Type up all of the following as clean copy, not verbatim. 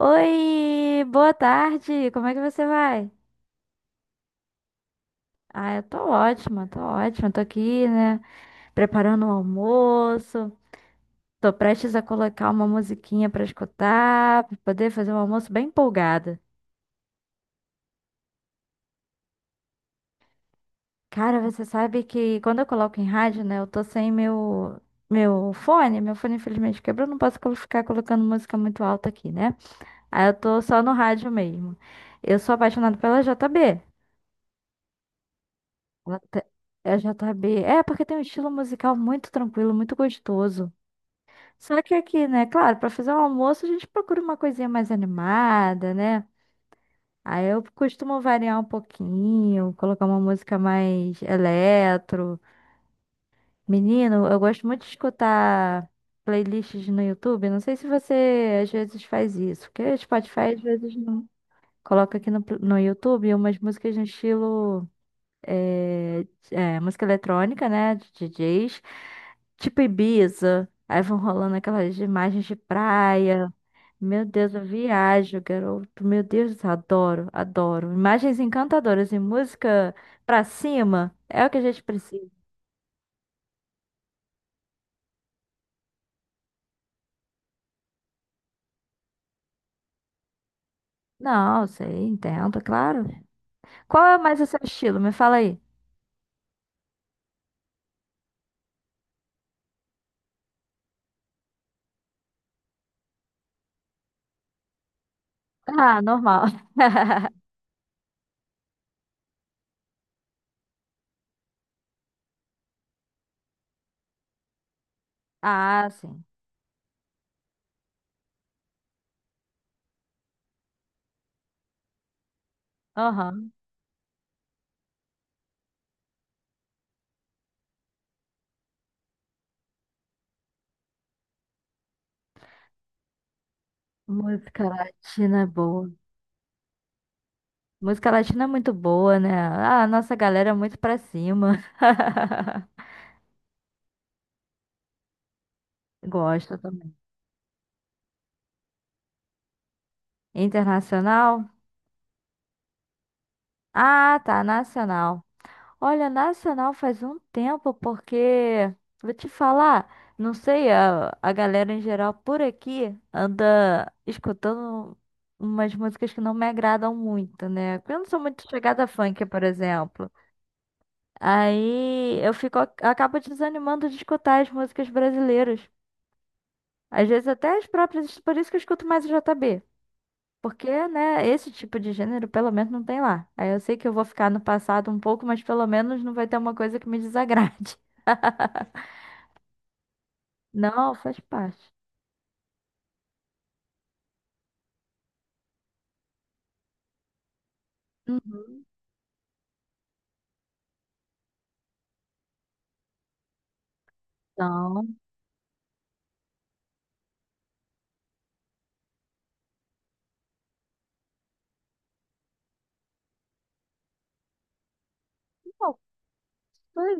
Oi, boa tarde. Como é que você vai? Ah, eu tô ótima, tô ótima. Tô aqui, né, preparando o almoço. Tô prestes a colocar uma musiquinha pra escutar, pra poder fazer um almoço bem empolgada. Cara, você sabe que quando eu coloco em rádio, né, eu tô sem meu fone, meu fone infelizmente quebrou, não posso ficar colocando música muito alta aqui, né? Aí eu tô só no rádio mesmo. Eu sou apaixonada pela JB. Até- É J B É, porque tem um estilo musical muito tranquilo, muito gostoso. Só que aqui, né? Claro, para fazer o almoço a gente procura uma coisinha mais animada, né? Aí eu costumo variar um pouquinho, colocar uma música mais eletro. Menino, eu gosto muito de escutar playlists no YouTube. Não sei se você às vezes faz isso, porque Spotify às vezes não. Coloca aqui no YouTube umas músicas no estilo. é, Música eletrônica, né? De DJs, tipo Ibiza. Aí vão rolando aquelas imagens de praia. Meu Deus, eu viajo, garoto. Meu Deus, adoro, adoro. Imagens encantadoras e música pra cima é o que a gente precisa. Não, sei, entendo, claro. Qual é mais o seu estilo? Me fala aí. Ah, normal. Ah, sim. Aham. Música latina é boa. Música latina é muito boa, né? Ah, a nossa galera é muito pra cima. Gosto também. Internacional? Ah, tá, nacional. Olha, nacional faz um tempo, porque, vou te falar, não sei, a galera em geral por aqui anda escutando umas músicas que não me agradam muito, né? Eu não sou muito chegada a funk, por exemplo. Aí eu fico, acabo desanimando de escutar as músicas brasileiras. Às vezes até as próprias, por isso que eu escuto mais o JB. Porque, né, esse tipo de gênero pelo menos não tem lá. Aí eu sei que eu vou ficar no passado um pouco, mas pelo menos não vai ter uma coisa que me desagrade. Não, faz parte. Uhum. Então, não, foi.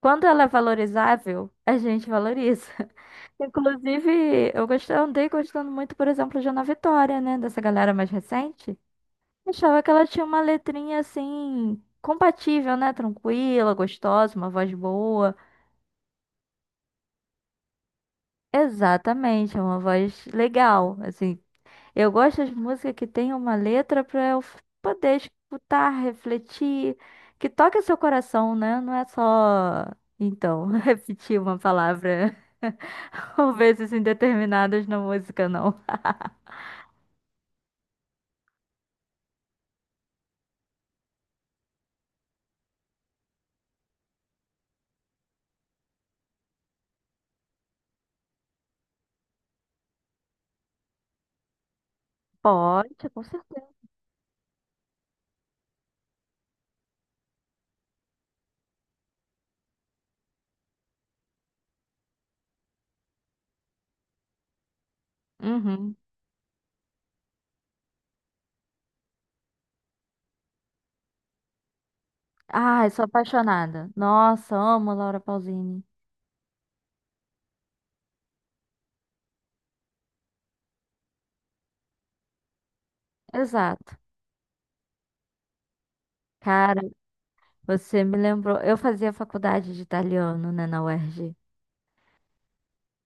Quando ela é valorizável, a gente valoriza. Inclusive, eu gostei, andei gostando muito, por exemplo, de Ana Vitória, né, dessa galera mais recente. Achava que ela tinha uma letrinha assim, compatível, né, tranquila, gostosa, uma voz boa. Exatamente, é uma voz legal. Assim, eu gosto de música que tem uma letra para poder escutar, refletir, que toque seu coração, né? Não é só, então, repetir uma palavra ou vezes indeterminadas na música, não. Pode, com certeza. Uhum. Ai, sou apaixonada. Nossa, amo Laura Pausini. Exato. Cara, você me lembrou. Eu fazia faculdade de italiano, né, na UERJ.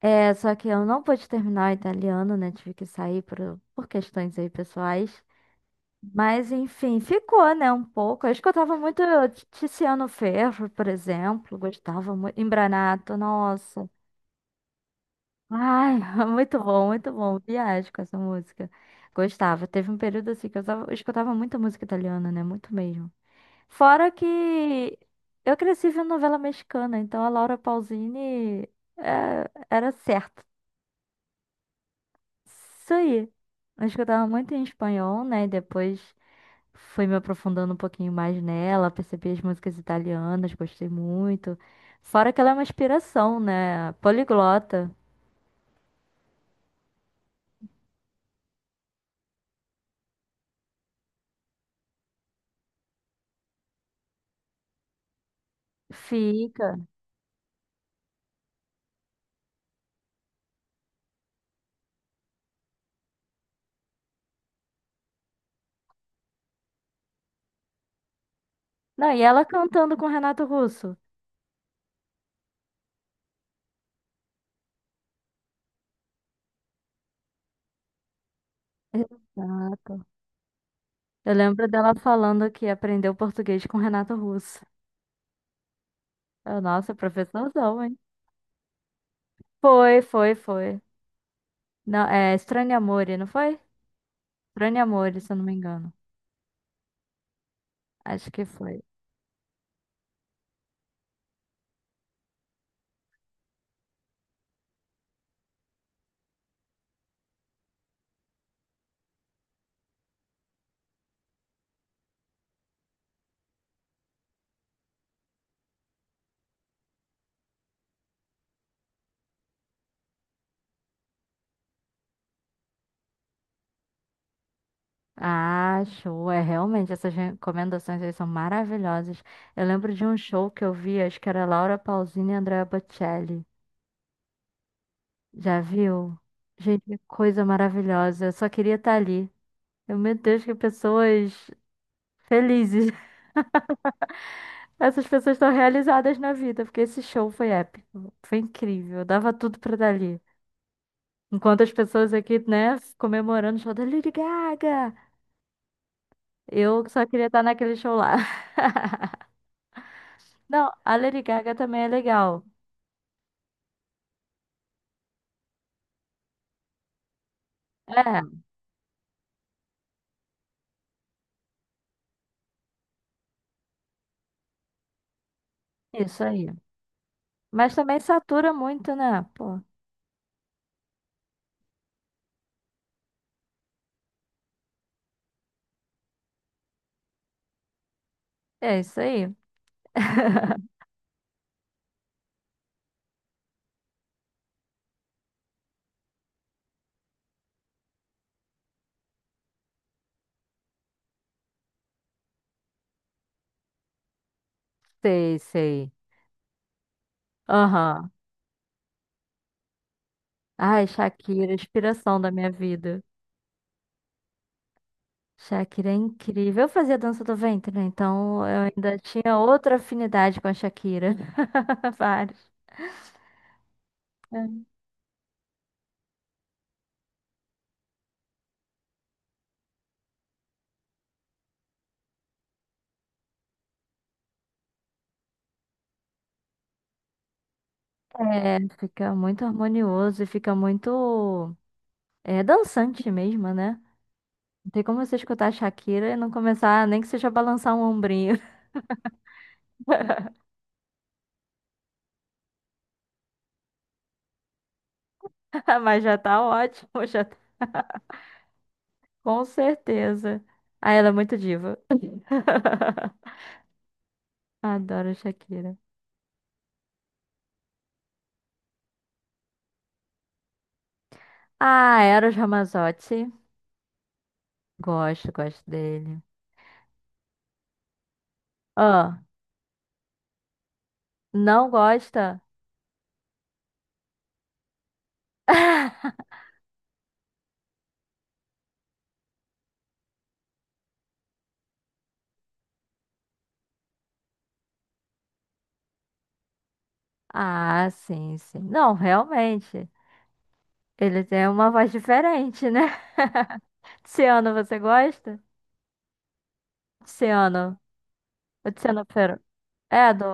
É, só que eu não pude terminar o italiano, né? Tive que sair por questões aí pessoais. Mas, enfim, ficou, né? Um pouco. Eu escutava muito Tiziano Ferro, por exemplo. Gostava muito. Embranato, nossa. Ai, muito bom, muito bom. Viagem com essa música. Gostava. Teve um período assim que eu escutava muita música italiana, né? Muito mesmo. Fora que eu cresci vendo novela mexicana, então a Laura Pausini era certa. Isso aí. Acho que eu tava muito em espanhol, né? Depois fui me aprofundando um pouquinho mais nela, percebi as músicas italianas, gostei muito. Fora que ela é uma inspiração, né? Poliglota. Fica. Não, e ela cantando com Renato Russo. Exato. Eu lembro dela falando que aprendeu português com Renato Russo. Eu, nossa, professorzão, hein? Foi, foi, foi. Não, é Estranho Amore, não foi? Estranho Amore, se eu não me engano. Acho que foi. Ah, show. É realmente, essas recomendações aí são maravilhosas. Eu lembro de um show que eu vi, acho que era Laura Pausini e Andrea Bocelli. Já viu? Gente, que coisa maravilhosa. Eu só queria estar ali. Eu, meu Deus, que pessoas felizes. Essas pessoas estão realizadas na vida, porque esse show foi épico. Foi incrível. Eu dava tudo pra estar ali. Enquanto as pessoas aqui, né, comemorando o show da Lady Gaga. Eu só queria estar naquele show lá. Não, a Lady Gaga também é legal. É. Isso aí. Mas também satura muito, né? Pô. É isso aí. Sei, sei. Aham. Ai, Shakira, inspiração da minha vida. Shakira é incrível. Eu fazia dança do ventre, né? Então eu ainda tinha outra afinidade com a Shakira. Vários. É, fica muito harmonioso e fica muito dançante mesmo, né? Não tem como você escutar a Shakira e não começar, nem que seja a balançar um ombrinho. Mas já tá ótimo, já tá. Com certeza. Ah, ela é muito diva. Adoro Shakira. Ah, Eros Ramazzotti. Gosto, gosto dele. Ah, não gosta? Ah, sim, sim. Não, realmente. Ele tem uma voz diferente, né? Tiziano, você gosta? Tiziano. O Tiziano Ferro. É, do...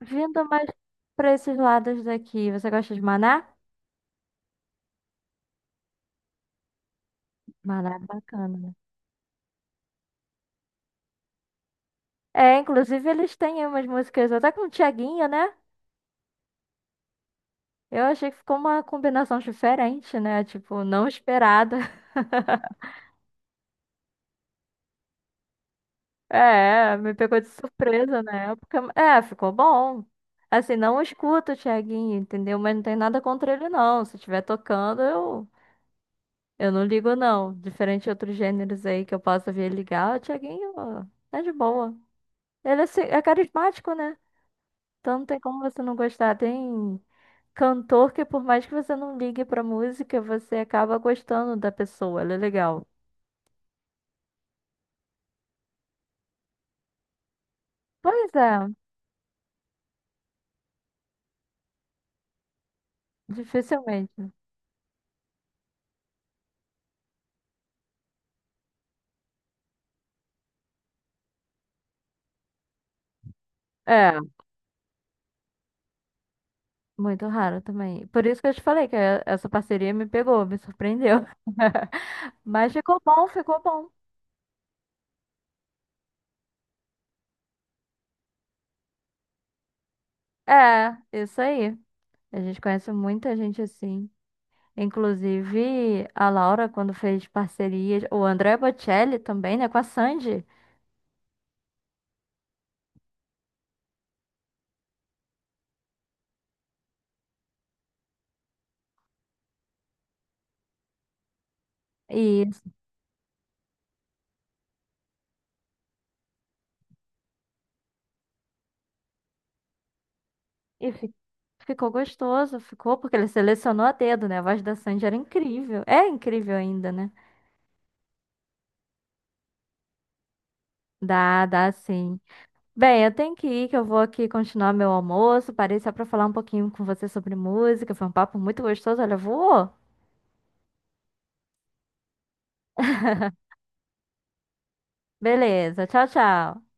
Vindo mais pra esses lados daqui. Você gosta de Maná? Maná é bacana, né? É, inclusive eles têm umas músicas até com o Thiaguinho, né? Eu achei que ficou uma combinação diferente, né? Tipo, não esperada. É, me pegou de surpresa na época. É, ficou bom. Assim, não escuto o Thiaguinho, entendeu? Mas não tem nada contra ele, não. Se estiver tocando, eu não ligo, não. Diferente de outros gêneros aí que eu possa vir ligar, o Thiaguinho ó, é de boa. Ele é, assim, é carismático, né? Então não tem como você não gostar. Tem cantor que, por mais que você não ligue pra música, você acaba gostando da pessoa. Ele é legal. Pois é, dificilmente. É, muito raro também. Por isso que eu te falei que essa parceria me pegou, me surpreendeu. Mas ficou bom, ficou bom. É, isso aí. A gente conhece muita gente assim. Inclusive a Laura, quando fez parcerias, o André Bocelli também, né, com a Sandy. E, e ficou gostoso, ficou, porque ele selecionou a dedo, né? A voz da Sandy era incrível. É incrível ainda, né? Dá, dá sim. Bem, eu tenho que ir, que eu vou aqui continuar meu almoço. Parei só pra falar um pouquinho com você sobre música. Foi um papo muito gostoso, olha, voou. Beleza, tchau, tchau.